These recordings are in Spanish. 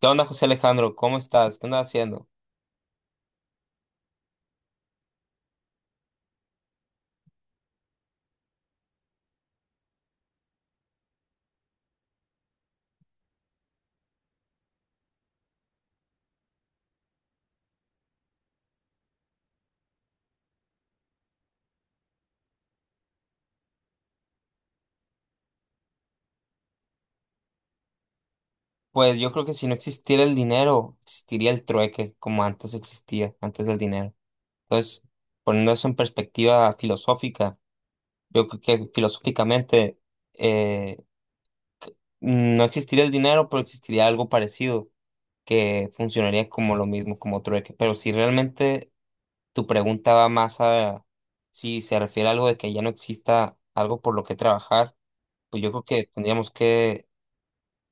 ¿Qué onda, José Alejandro? ¿Cómo estás? ¿Qué andas haciendo? Pues yo creo que si no existiera el dinero, existiría el trueque, como antes existía, antes del dinero. Entonces, poniendo eso en perspectiva filosófica, yo creo que filosóficamente eh, no existiría el dinero, pero existiría algo parecido que funcionaría como lo mismo, como trueque. Pero si realmente tu pregunta va más a si se refiere a algo de que ya no exista algo por lo que trabajar, pues yo creo que tendríamos que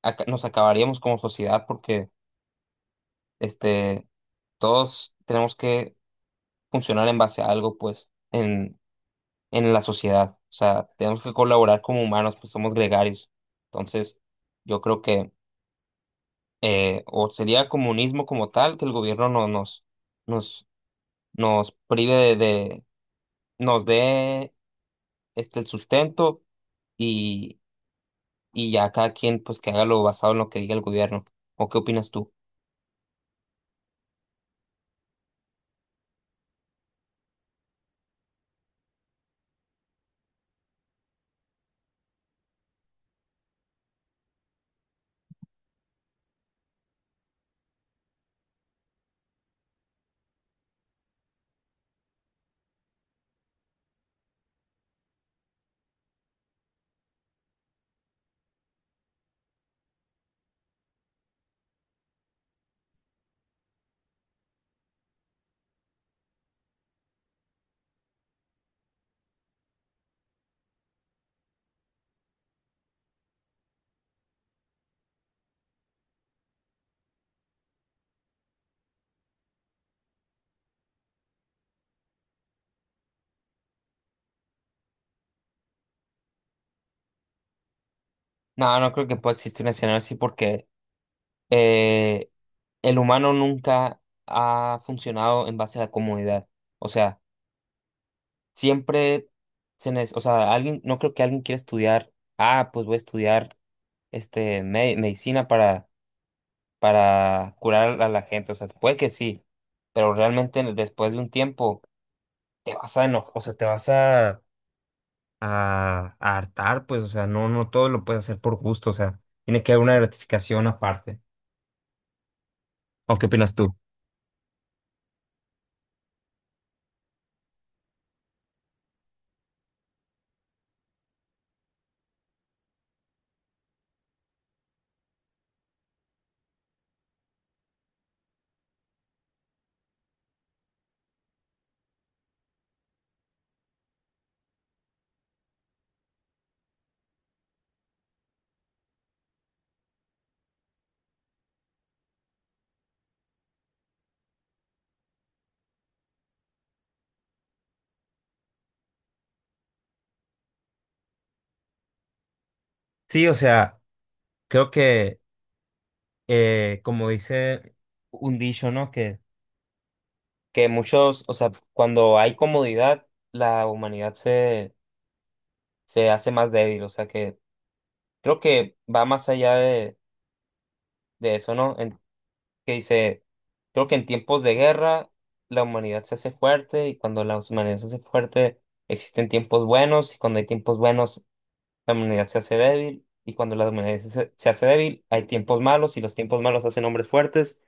nos acabaríamos como sociedad porque este, todos tenemos que funcionar en base a algo, pues, en la sociedad. O sea, tenemos que colaborar como humanos, pues somos gregarios. Entonces, yo creo que o sería comunismo como tal, que el gobierno no, nos, nos, nos prive nos dé el sustento y, y ya cada quien pues que haga lo basado en lo que diga el gobierno. ¿O qué opinas tú? No, no creo que pueda existir un escenario así porque eh, el humano nunca ha funcionado en base a la comodidad. O sea, siempre o sea, alguien, no creo que alguien quiera estudiar, ah, pues voy a estudiar medicina para curar a la gente. O sea, puede que sí, pero realmente después de un tiempo te vas a enojar, o sea, te vas a hartar, pues, o sea, no, no todo lo puedes hacer por gusto, o sea, tiene que haber una gratificación aparte. ¿O qué opinas tú? Sí, o sea, creo que como dice un dicho, ¿no? Que muchos, o sea, cuando hay comodidad, la humanidad se hace más débil, o sea, que creo que va más allá de eso, ¿no? Que dice, creo que en tiempos de guerra la humanidad se hace fuerte y cuando la humanidad se hace fuerte existen tiempos buenos y cuando hay tiempos buenos la humanidad se hace débil y cuando la humanidad se hace débil hay tiempos malos y los tiempos malos hacen hombres fuertes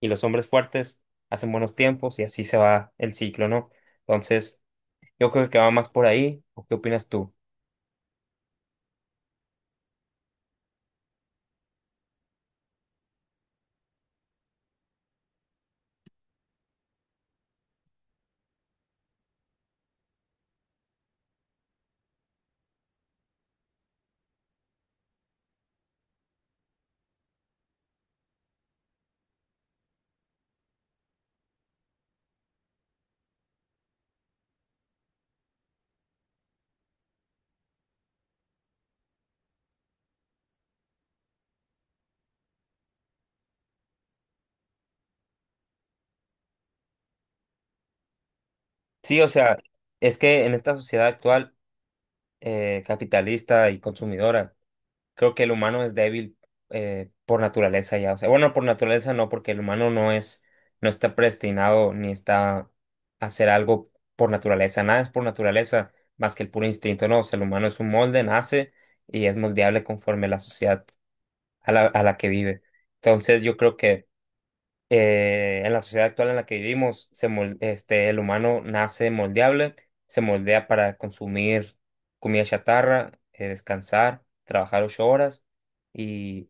y los hombres fuertes hacen buenos tiempos y así se va el ciclo, ¿no? Entonces, yo creo que va más por ahí, ¿o qué opinas tú? Sí, o sea, es que en esta sociedad actual capitalista y consumidora, creo que el humano es débil por naturaleza ya. O sea, bueno, por naturaleza no, porque el humano no es, no está predestinado ni está a hacer algo por naturaleza. Nada es por naturaleza más que el puro instinto, no. O sea, el humano es un molde, nace y es moldeable conforme la sociedad a a la que vive. Entonces, yo creo que en la sociedad actual en la que vivimos, el humano nace moldeable, se moldea para consumir comida chatarra, descansar, trabajar ocho horas y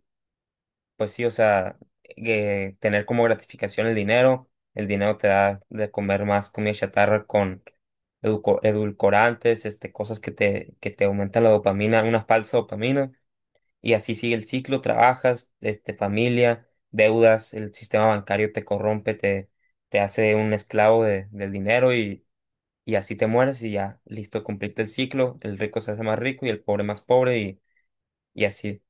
pues sí, o sea, que tener como gratificación el dinero te da de comer más comida chatarra con edulcorantes, este, cosas que te aumentan la dopamina, una falsa dopamina y así sigue el ciclo, trabajas, este, familia, deudas, el sistema bancario te corrompe, te hace un esclavo del dinero y así te mueres y ya, listo, cumpliste el ciclo, el rico se hace más rico y el pobre más pobre y así.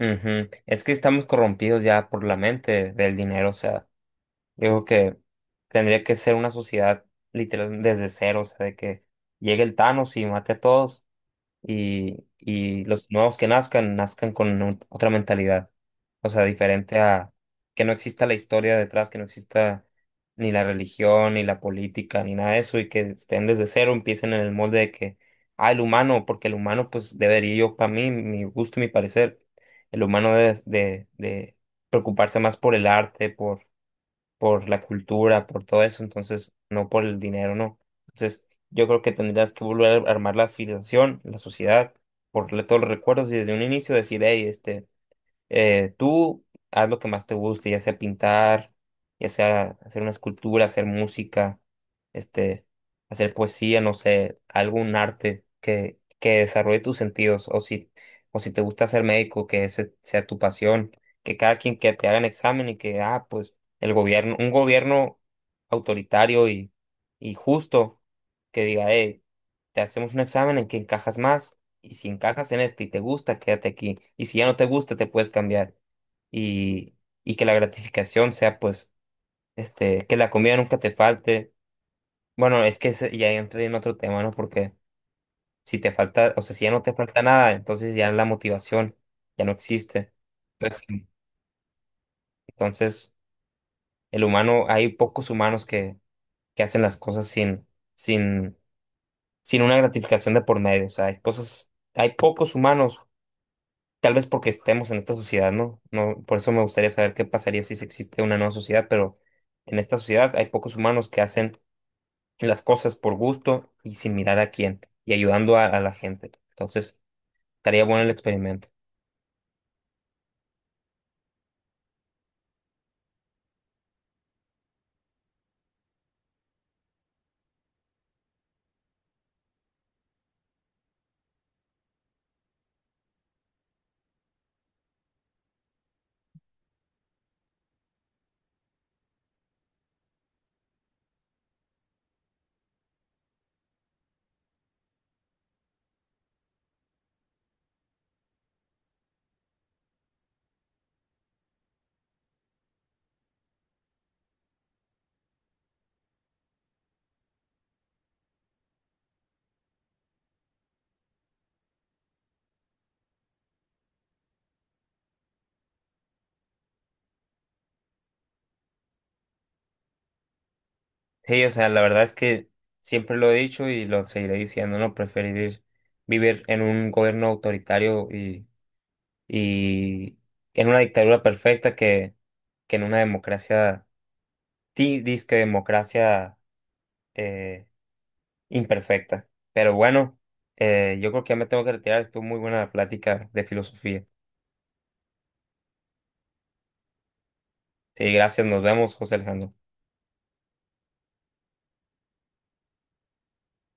Ujú. Es que estamos corrompidos ya por la mente del dinero, o sea, yo creo que tendría que ser una sociedad literal desde cero, o sea, de que llegue el Thanos y mate a todos, y los nuevos que nazcan, nazcan con otra mentalidad. O sea, diferente a que no exista la historia detrás, que no exista ni la religión, ni la política, ni nada de eso, y que estén desde cero, empiecen en el molde de que, ah, el humano, porque el humano, pues debería yo, para mí, mi gusto y mi parecer, el humano debe de preocuparse más por el arte, por la cultura, por todo eso, entonces no por el dinero, no. Entonces yo creo que tendrías que volver a armar la civilización, la sociedad, por todos los recuerdos y desde un inicio decir, hey, este, tú haz lo que más te guste, ya sea pintar, ya sea hacer una escultura, hacer música, este, hacer poesía, no sé, algún arte que desarrolle tus sentidos, o si te gusta ser médico, que ese sea tu pasión, que cada quien que te hagan examen y que, ah, pues el gobierno, un gobierno autoritario y justo que diga, hey, te hacemos un examen en que encajas más y si encajas en esto y te gusta, quédate aquí. Y si ya no te gusta, te puedes cambiar. Y, y que la gratificación sea, pues, este, que la comida nunca te falte. Bueno, es que ya entré en otro tema, ¿no? Porque si te falta, o sea, si ya no te falta nada, entonces ya la motivación ya no existe. Pues, sí. Entonces, el humano, hay pocos humanos que hacen las cosas sin, sin una gratificación de por medio. O sea, hay cosas, hay pocos humanos. Tal vez porque estemos en esta sociedad, ¿no? No, por eso me gustaría saber qué pasaría si se existe una nueva sociedad, pero en esta sociedad hay pocos humanos que hacen las cosas por gusto y sin mirar a quién y ayudando a la gente. Entonces, estaría bueno el experimento. Sí, o sea, la verdad es que siempre lo he dicho y lo seguiré diciendo, ¿no? Preferir vivir en un gobierno autoritario y en una dictadura perfecta que en una democracia, ti, disque democracia, eh, imperfecta. Pero bueno, yo creo que ya me tengo que retirar. Estuvo muy buena la plática de filosofía. Sí, gracias. Nos vemos, José Alejandro.